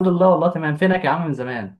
الحمد لله، والله تمام. فينك يا عم من زمان؟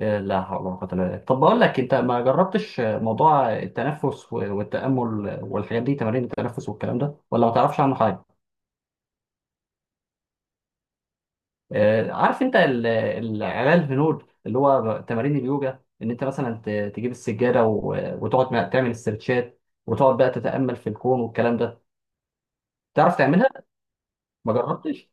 إيه، لا حول ولا قوة إلا بالله. طب بقول لك، انت ما جربتش موضوع التنفس والتأمل والحاجات دي، تمارين التنفس والكلام ده، ولا ما تعرفش عنه حاجة؟ عارف انت العلاج الهنود اللي هو تمارين اليوجا، ان انت مثلا تجيب السجادة وتقعد تعمل استرتشات، وتقعد بقى تتأمل في الكون والكلام ده. تعرف تعملها؟ ما جربتش؟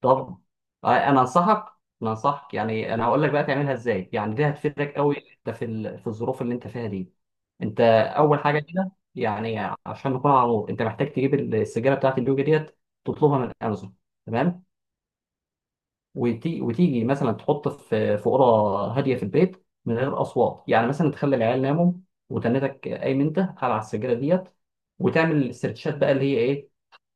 طبعا. انا انصحك. يعني انا هقول لك بقى تعملها ازاي، يعني دي هتفيدك قوي انت في في الظروف اللي انت فيها دي. انت اول حاجه كده يعني، عشان نكون على نور، انت محتاج تجيب السجاره بتاعت اليوجا ديت، تطلبها من امازون. تمام. وتيجي مثلا تحط في في اوضه هاديه في البيت من غير اصوات، يعني مثلا تخلي العيال ناموا وتنتك قايم انت على السجاره ديت، وتعمل السيرتشات بقى، اللي هي ايه،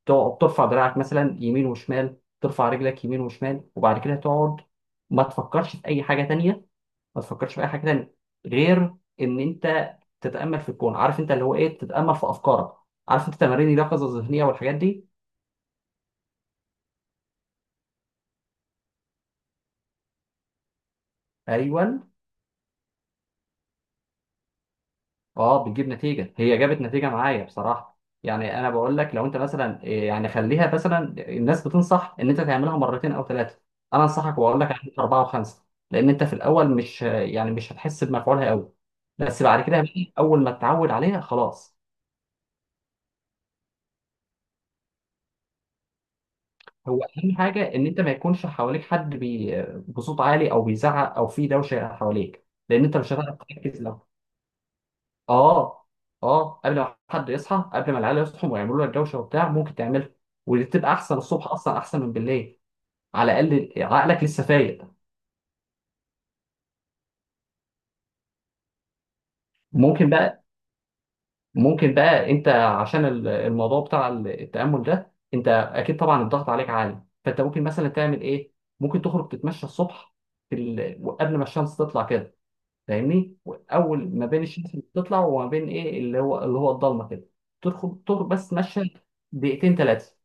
تقعد ترفع دراعك مثلا يمين وشمال، ترفع رجلك يمين وشمال، وبعد كده تقعد ما تفكرش في اي حاجه تانية. ما تفكرش في اي حاجه تانية غير ان انت تتامل في الكون. عارف انت اللي هو ايه، تتامل في افكارك. عارف انت تمارين اليقظه الذهنيه والحاجات دي؟ ايوه. اه، بتجيب نتيجه، هي جابت نتيجه معايا بصراحه. يعني انا بقول لك، لو انت مثلا يعني خليها مثلا، الناس بتنصح ان انت تعملها مرتين او ثلاثه، انا انصحك واقول لك اعمل اربعه وخمسه، لان انت في الاول مش هتحس بمفعولها قوي، بس بعد كده بقى، اول ما تتعود عليها خلاص. هو اهم حاجه ان انت ما يكونش حواليك حد بي بصوت عالي او بيزعق او في دوشه حواليك، لان انت مش هتعرف تركز. اه. اه، قبل ما حد يصحى، قبل ما العيال يصحوا ويعملوا لك دوشه وبتاع، ممكن تعملها. ودي بتبقى احسن، الصبح اصلا احسن من بالليل، على الاقل عقلك لسه فايق. ممكن بقى. انت عشان الموضوع بتاع التامل ده، انت اكيد طبعا الضغط عليك عالي، فانت ممكن مثلا تعمل ايه، ممكن تخرج تتمشى الصبح، قبل ما الشمس تطلع كده، فاهمني؟ اول ما بين الشمس اللي بتطلع وما بين ايه، اللي هو الضلمه كده، تدخل تخرج بس تمشى دقيقتين ثلاثه.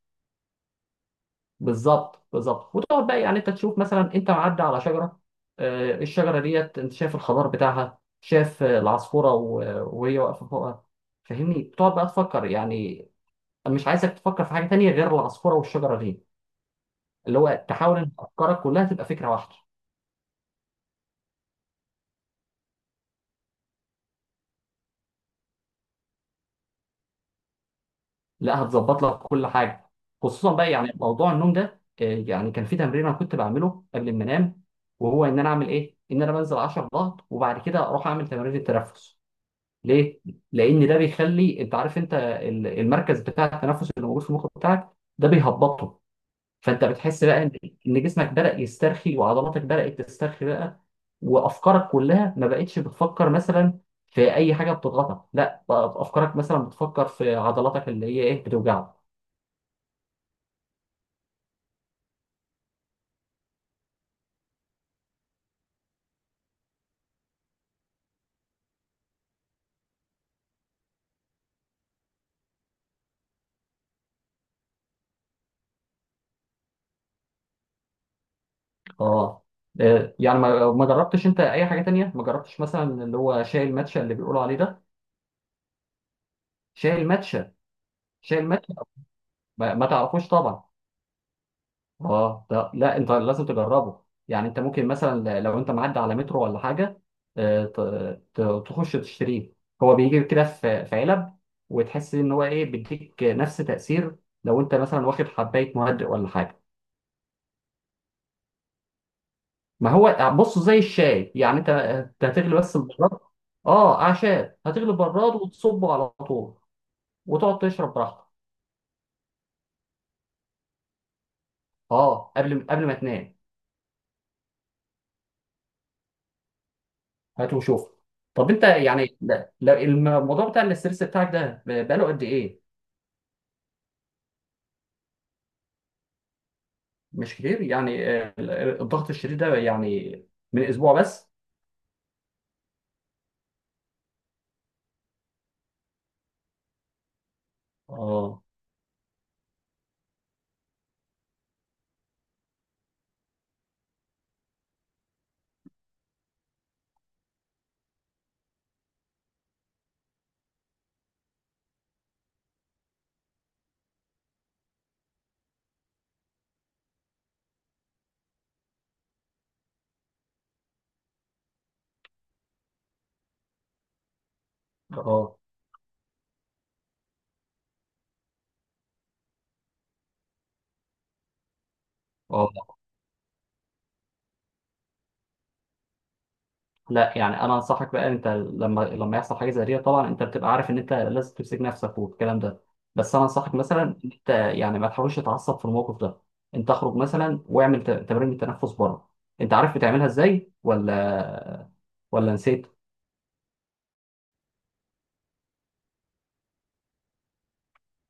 بالظبط، بالظبط. وتقعد بقى، يعني انت تشوف مثلا انت معدي على شجره، الشجره ديت، انت شايف الخضار بتاعها، شايف العصفوره وهي واقفه فوقها، فاهمني؟ بتقعد بقى تفكر، يعني مش عايزك تفكر في حاجه تانية غير العصفوره والشجره دي، اللي هو تحاول ان افكارك كلها تبقى فكره واحده. لا، هتظبط لك كل حاجه. خصوصا بقى يعني موضوع النوم ده، يعني كان في تمرين انا كنت بعمله قبل ما انام، وهو ان انا اعمل ايه، ان انا بنزل 10 ضغط، وبعد كده اروح اعمل تمارين التنفس. ليه؟ لأن ده بيخلي أنت عارف أنت المركز بتاع التنفس اللي موجود في المخ بتاعك، ده بيهبطه. فأنت بتحس بقى إن جسمك بدأ يسترخي، وعضلاتك بدأت تسترخي بقى، وأفكارك كلها ما بقتش بتفكر مثلا في أي حاجة بتضغطك، لا، بقى أفكارك مثلا بتفكر في عضلاتك اللي هي إيه، بتوجعك. أه. يعني ما جربتش أنت أي حاجة تانية، ما جربتش مثلا اللي هو شاي الماتشا اللي بيقولوا عليه ده؟ شاي الماتشا. شاي الماتشا. ما تعرفوش طبعا. اه، ده لا، انت لازم تجربه، يعني انت ممكن مثلا لو انت معدي على مترو ولا حاجه، آه، ت- تخش تشتريه، هو بيجي كده في في علب، وتحس ان هو ايه، بيديك نفس تاثير لو انت مثلا واخد حبايه مهدئ ولا حاجه. ما هو بص زي الشاي يعني، انت هتغلي بس البراد. اه، اعشاب، هتغلي البراد وتصبه على طول، وتقعد تشرب براحتك. اه، قبل ما تنام. هات وشوف. طب انت يعني لا- لا، الموضوع بتاع الاسترس بتاعك ده بقاله قد ايه؟ مش كتير يعني. الضغط الشديد ده يعني، من اسبوع بس؟ اه. اه. اه. لا، يعني انا انصحك بقى، انت لما يحصل حاجه زي دي، طبعا انت بتبقى عارف ان انت لازم تمسك نفسك والكلام ده، بس انا انصحك مثلا ان انت يعني ما تحاولش تتعصب في الموقف ده. انت اخرج مثلا واعمل تمارين التنفس بره. انت عارف بتعملها ازاي ولا نسيت؟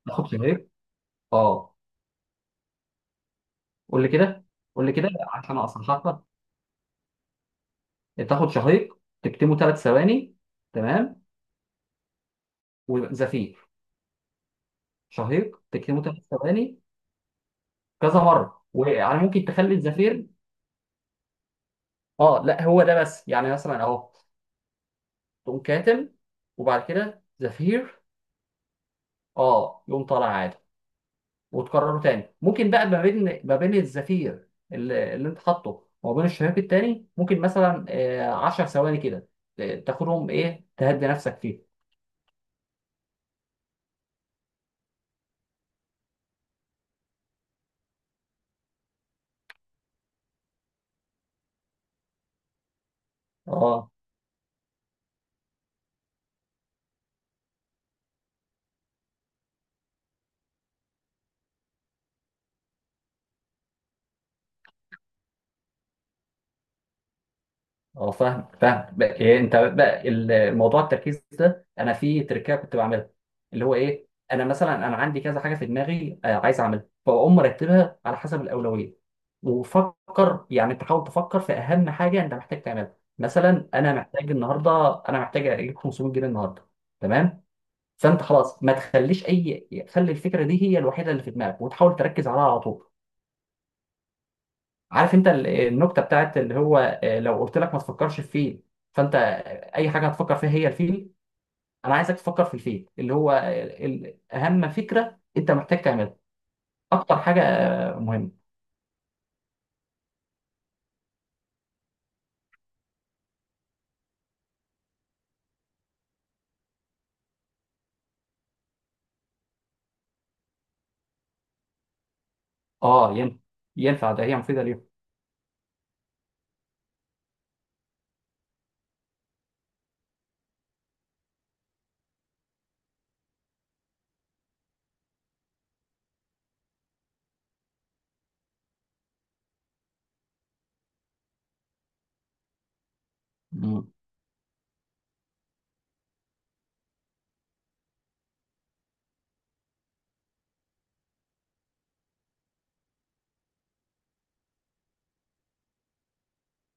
تاخد بريك؟ اه، قول لي كده. قول لي كده عشان اصحح لك. تاخد شهيق، تكتمه ثلاث ثواني، تمام، وزفير. شهيق تكتمه ثلاث ثواني كذا مره. ويعني ممكن تخلي الزفير. اه لا، هو ده بس يعني، مثلا اهو، تقوم كاتم، وبعد كده زفير. اه، يقوم طالع عادي. وتكرره تاني. ممكن بقى ما بين الزفير اللي انت حاطه وما بين الشهيق التاني، ممكن مثلا 10 ثواني كده، تاخدهم ايه، تهدي نفسك فيه. اه. اه، فاهم فاهم بقى. إيه انت بقى الموضوع التركيز ده، انا في تركية كنت بعملها، اللي هو ايه، انا مثلا انا عندي كذا حاجه في دماغي عايز اعملها، فاقوم مرتبها على حسب الاولويه. وفكر، يعني تحاول تفكر في اهم حاجه انت محتاج تعملها، مثلا انا محتاج النهارده، انا محتاج اجيب 500 جنيه النهارده، تمام؟ فانت خلاص ما تخليش اي، خلي الفكره دي هي الوحيده اللي في دماغك، وتحاول تركز عليها على طول. عارف انت النكته بتاعت اللي هو، لو قلت لك ما تفكرش في فيل، فانت اي حاجه هتفكر فيها هي الفيل. انا عايزك تفكر في الفيل اللي هو اهم فكره انت محتاج تعملها، اكتر حاجه مهمه. اه، ينفع، ينفع ده، هي مفيده. ليهم.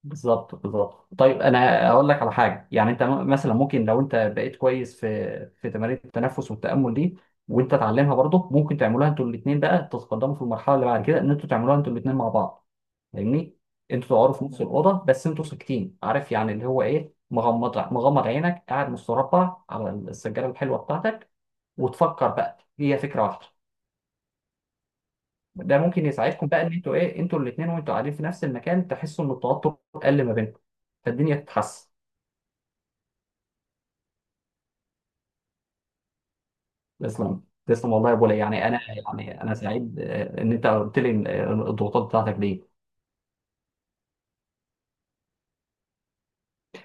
بالظبط، بالظبط. طيب انا اقول لك على حاجه، يعني انت مثلا ممكن لو انت بقيت كويس في في تمارين التنفس والتامل دي، وانت تعلمها برضه، ممكن تعملوها انتوا الاثنين. بقى تتقدموا في المرحله اللي بعد كده، ان انتوا تعملوها انتوا الاثنين مع بعض، فاهمني؟ انتوا تقعدوا في نفس الاوضه بس انتوا ساكتين، عارف يعني اللي هو ايه، مغمض مغمض عينك، قاعد مستربع على السجاده الحلوه بتاعتك، وتفكر بقى هي فكره واحده. ده ممكن يساعدكم بقى، ان انتوا ايه، انتوا الاثنين وانتوا قاعدين في نفس المكان، تحسوا ان التوتر قل ما بينكم، فالدنيا تتحسن. تسلم، تسلم والله يا ابو علي. يعني انا سعيد ان انت قلت لي إن، الضغوطات بتاعتك دي.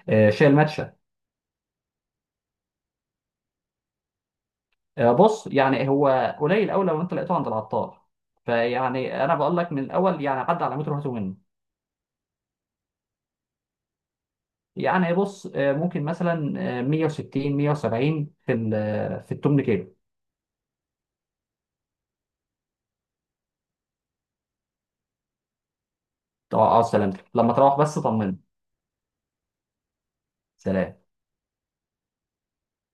شايل ماتشة. بص يعني هو قليل قوي، لو انت لقيته عند العطار، فيعني انا بقول لك من الاول، يعني عدى على متر وهاته منه. يعني بص، ممكن مثلا 160 170 في في التمن كيلو. طب اه، سلامتك لما تروح بس طمني. سلام.